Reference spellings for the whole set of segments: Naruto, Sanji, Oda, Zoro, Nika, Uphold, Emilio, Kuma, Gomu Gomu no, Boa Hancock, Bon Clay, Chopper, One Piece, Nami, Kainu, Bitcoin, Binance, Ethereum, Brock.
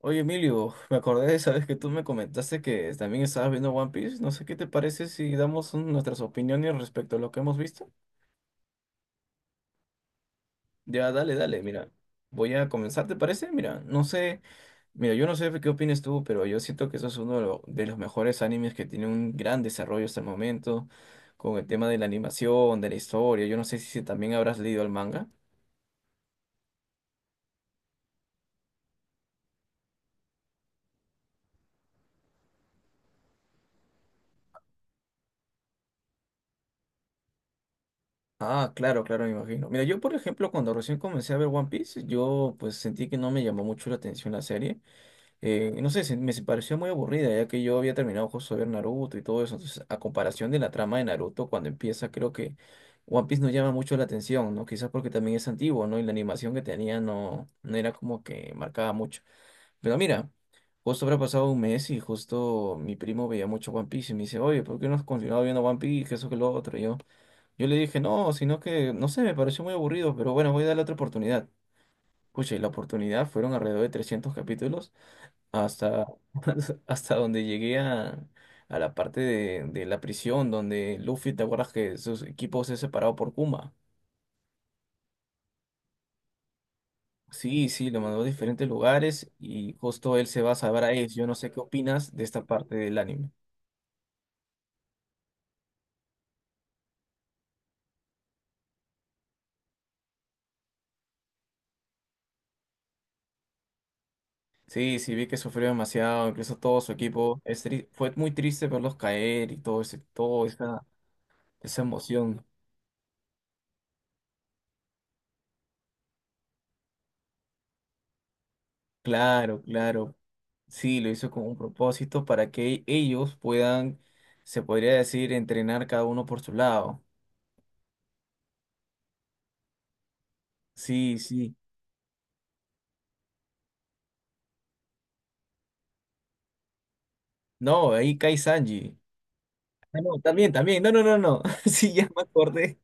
Oye, Emilio, me acordé de esa vez que tú me comentaste que también estabas viendo One Piece. No sé qué te parece si damos nuestras opiniones respecto a lo que hemos visto. Ya, dale, dale, mira. Voy a comenzar, ¿te parece? Mira, no sé, mira, yo no sé qué opinas tú, pero yo siento que eso es uno de, de los mejores animes que tiene un gran desarrollo hasta el momento, con el tema de la animación, de la historia. Yo no sé si también habrás leído el manga. Ah, claro, claro, me imagino. Mira, yo por ejemplo, cuando recién comencé a ver One Piece, yo pues sentí que no me llamó mucho la atención la serie. No sé, me se pareció muy aburrida, ya que yo había terminado justo de ver Naruto y todo eso. Entonces, a comparación de la trama de Naruto, cuando empieza, creo que One Piece no llama mucho la atención, ¿no? Quizás porque también es antiguo, ¿no? Y la animación que tenía no era como que marcaba mucho. Pero mira, justo habrá pasado un mes y justo mi primo veía mucho One Piece y me dice, oye, ¿por qué no has continuado viendo One Piece? Que eso que lo otro. Y yo le dije, no, sino que, no sé, me pareció muy aburrido, pero bueno, voy a darle otra oportunidad. Pucha, y la oportunidad fueron alrededor de 300 capítulos hasta, hasta donde llegué a la parte de la prisión, donde Luffy, ¿te acuerdas que sus equipos se separado por Kuma? Sí, sí, lo mandó a diferentes lugares y justo él se va a saber a eso. Yo no sé qué opinas de esta parte del anime. Sí, sí, vi que sufrió demasiado, incluso todo su equipo. Fue muy triste verlos caer y todo ese, esa emoción. Claro, claro. Sí, lo hizo con un propósito para que ellos puedan, se podría decir, entrenar cada uno por su lado. Sí, sí. No, ahí cae Sanji. Ah, no, también, también. No, no, no, no. Sí, ya me acordé.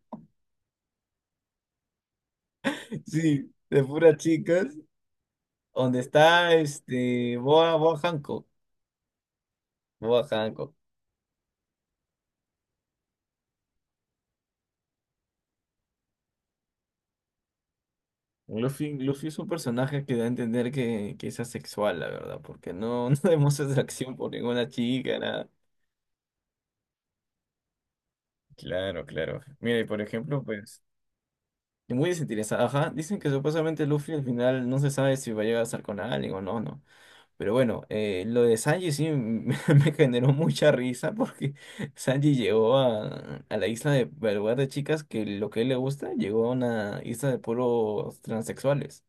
Sí, de puras chicas. Donde está este Boa, Boa Hancock. Boa Hancock. Luffy, Luffy es un personaje que da a entender que es asexual, la verdad, porque no, no demuestra atracción por ninguna chica, nada. Claro, claro. Mira, y por ejemplo, pues. Muy desinteresada, ajá. Dicen que supuestamente Luffy al final no se sabe si va a llegar a estar con alguien o no, no. Pero bueno, lo de Sanji sí me, me generó mucha risa porque Sanji llegó a la isla de, al lugar de chicas que lo que a él le gusta, llegó a una isla de puros transexuales.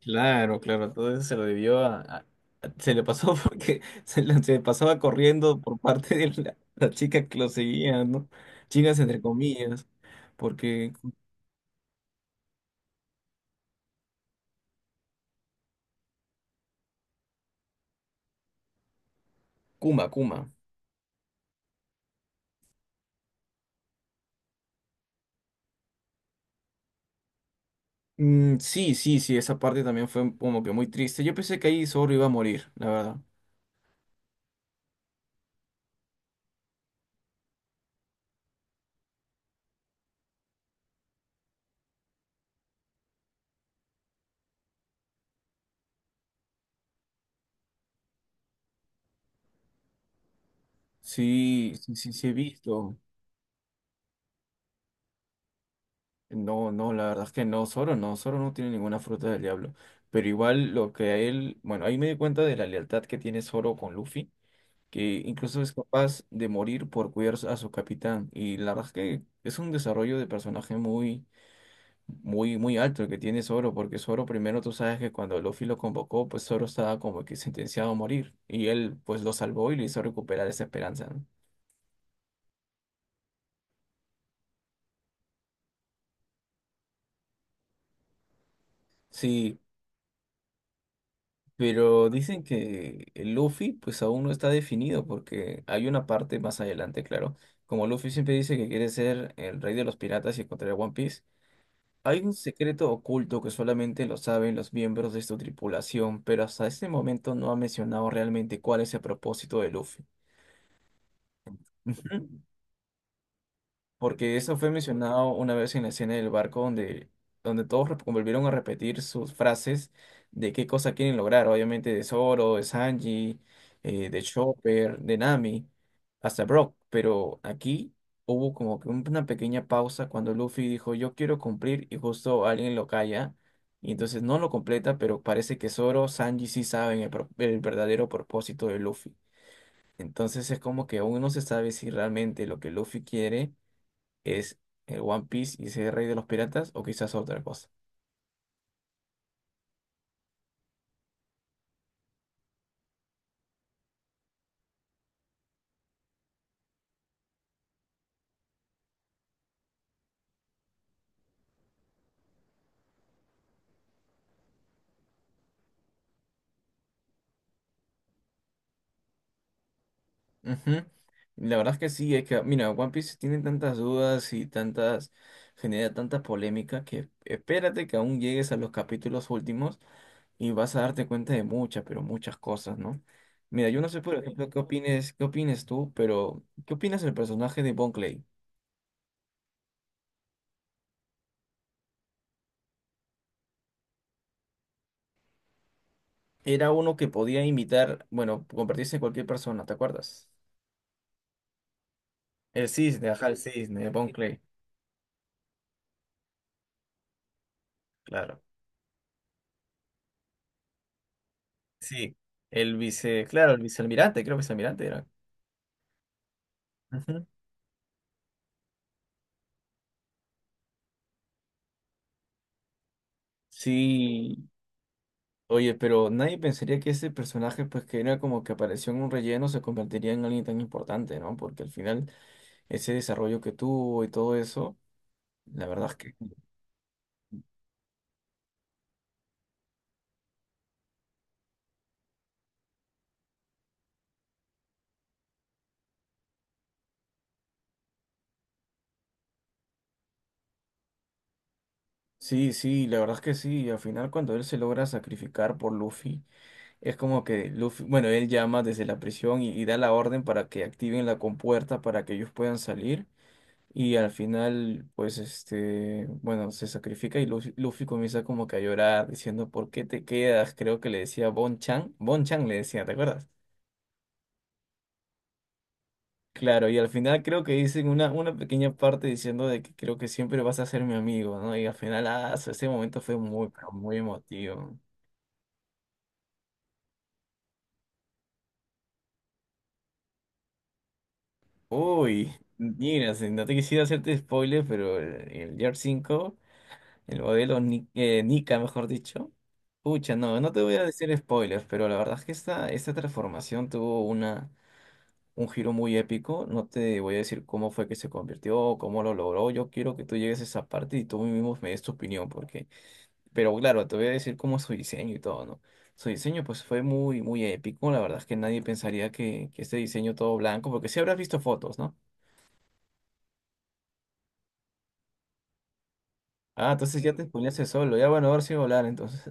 Claro, claro, entonces se lo debió a, se le pasó. Porque se pasaba corriendo por parte de la, la chica que lo seguía, ¿no? Chicas entre comillas, porque Kuma, Kuma. Sí, sí, sí, esa parte también fue como que muy triste. Yo pensé que ahí Zorro iba a morir, la verdad. Sí, sí, sí, sí he visto. No, no, la verdad es que no, Zoro no tiene ninguna fruta del diablo. Pero igual lo que a él, bueno, ahí me di cuenta de la lealtad que tiene Zoro con Luffy, que incluso es capaz de morir por cuidar a su capitán. Y la verdad es que es un desarrollo de personaje muy, muy, muy alto el que tiene Zoro, porque Zoro primero tú sabes que cuando Luffy lo convocó, pues Zoro estaba como que sentenciado a morir y él pues lo salvó y le hizo recuperar esa esperanza, ¿no? Sí, pero dicen que el Luffy pues aún no está definido porque hay una parte más adelante, claro, como Luffy siempre dice que quiere ser el rey de los piratas y encontrar a One Piece. Hay un secreto oculto que solamente lo saben los miembros de su tripulación, pero hasta este momento no ha mencionado realmente cuál es el propósito de Luffy. Porque eso fue mencionado una vez en la escena del barco donde todos volvieron a repetir sus frases de qué cosa quieren lograr, obviamente de Zoro, de Sanji, de Chopper, de Nami, hasta Brock, pero aquí hubo como que una pequeña pausa cuando Luffy dijo yo quiero cumplir y justo alguien lo calla. Y entonces no lo completa, pero parece que Zoro, Sanji sí saben el, el verdadero propósito de Luffy. Entonces es como que aún no se sabe si realmente lo que Luffy quiere es One Piece y ese Rey de los Piratas o quizás otra cosa. Ujú. La verdad es que sí, es que, mira, One Piece tiene tantas dudas y tantas, genera tanta polémica que espérate que aún llegues a los capítulos últimos y vas a darte cuenta de muchas, pero muchas cosas, ¿no? Mira, yo no sé, por ejemplo, qué opines tú, pero ¿qué opinas del personaje de Bon Clay? Era uno que podía imitar, bueno, convertirse en cualquier persona, ¿te acuerdas? El cisne, ajá, el cisne, Bon Clay, claro. Sí, el vice, claro, el vicealmirante, creo que vicealmirante era. Ujú. Sí, oye, pero nadie pensaría que ese personaje, pues que era como que apareció en un relleno, se convertiría en alguien tan importante, ¿no? Porque al final ese desarrollo que tuvo y todo eso, la verdad es que sí, sí, la verdad es que sí. Y al final cuando él se logra sacrificar por Luffy, es como que Luffy, bueno, él llama desde la prisión y da la orden para que activen la compuerta para que ellos puedan salir. Y al final, pues, este, bueno, se sacrifica y Luffy, Luffy comienza como que a llorar, diciendo, ¿por qué te quedas? Creo que le decía Bon Chan. Bon Chan le decía, ¿te acuerdas? Claro, y al final creo que dicen una pequeña parte diciendo de que creo que siempre vas a ser mi amigo, ¿no? Y al final, ese momento fue muy, pero muy emotivo. Uy, mira, si no te quisiera hacerte spoiler, pero el Year 5. El modelo Nika, mejor dicho. Pucha, no, no te voy a decir spoilers, pero la verdad es que esta transformación tuvo un giro muy épico. No te voy a decir cómo fue que se convirtió, cómo lo logró. Yo quiero que tú llegues a esa parte y tú mismo me des tu opinión, porque... Pero claro, te voy a decir cómo es su diseño y todo, ¿no? Su diseño pues fue muy, muy épico. La verdad es que nadie pensaría que este diseño todo blanco, porque sí habrás visto fotos, ¿no? Ah, entonces ya te spoileaste solo. Ya bueno, ahora sí voy a hablar entonces.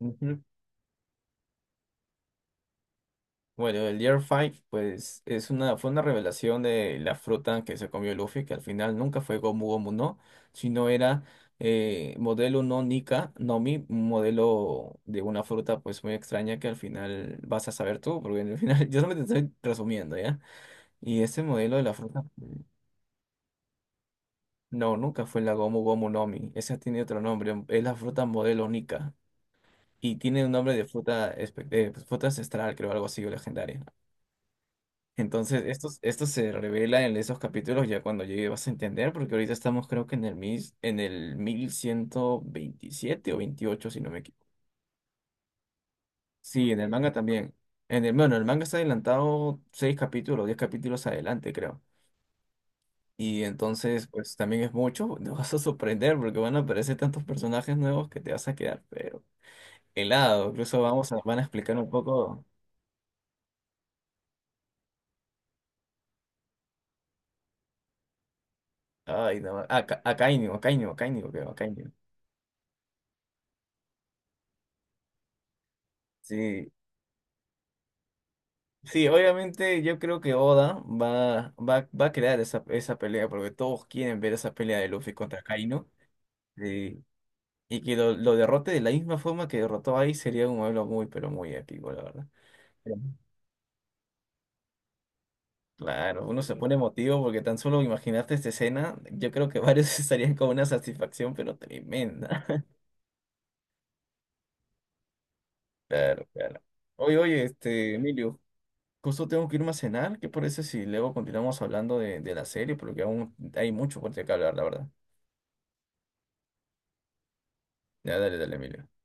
Bueno, el Year 5, pues es una, fue una revelación de la fruta que se comió Luffy, que al final nunca fue Gomu Gomu no, sino era modelo no Nika, Nomi, un modelo de una fruta pues muy extraña que al final vas a saber tú, porque al final yo solamente te estoy resumiendo, ¿ya? Y ese modelo de la fruta, no, nunca fue la Gomu Gomu Nomi, esa tiene otro nombre, es la fruta modelo Nika, y tiene un nombre de fruta, fruta ancestral, creo, algo así, o legendaria. Entonces, esto se revela en esos capítulos ya cuando llegue vas a entender, porque ahorita estamos creo que en el 1127 o 28 si no me equivoco. Sí, en el manga también. En el, bueno, el manga está adelantado 6 capítulos, 10 capítulos adelante, creo. Y entonces, pues también es mucho, te vas a sorprender porque van a aparecer tantos personajes nuevos que te vas a quedar, pero helado. Incluso vamos a, van a explicar un poco. Ay, no, a, a Kainu, a Kainu, a Kainu, creo, a Kainu. Sí, sí, obviamente yo creo que Oda va a crear esa pelea, porque todos quieren ver esa pelea de Luffy contra Kaino. Eh, y que lo derrote de la misma forma que derrotó ahí sería un duelo muy, pero muy épico, la verdad. Pero, claro, uno se pone emotivo porque tan solo imaginarte esta escena, yo creo que varios estarían con una satisfacción, pero tremenda. Claro, claro. Oye, oye, este, Emilio, justo tengo que irme a cenar. ¿Qué parece si luego continuamos hablando de la serie? Porque aún hay mucho por qué hablar, la verdad. Ya, dale, dale, Emilio.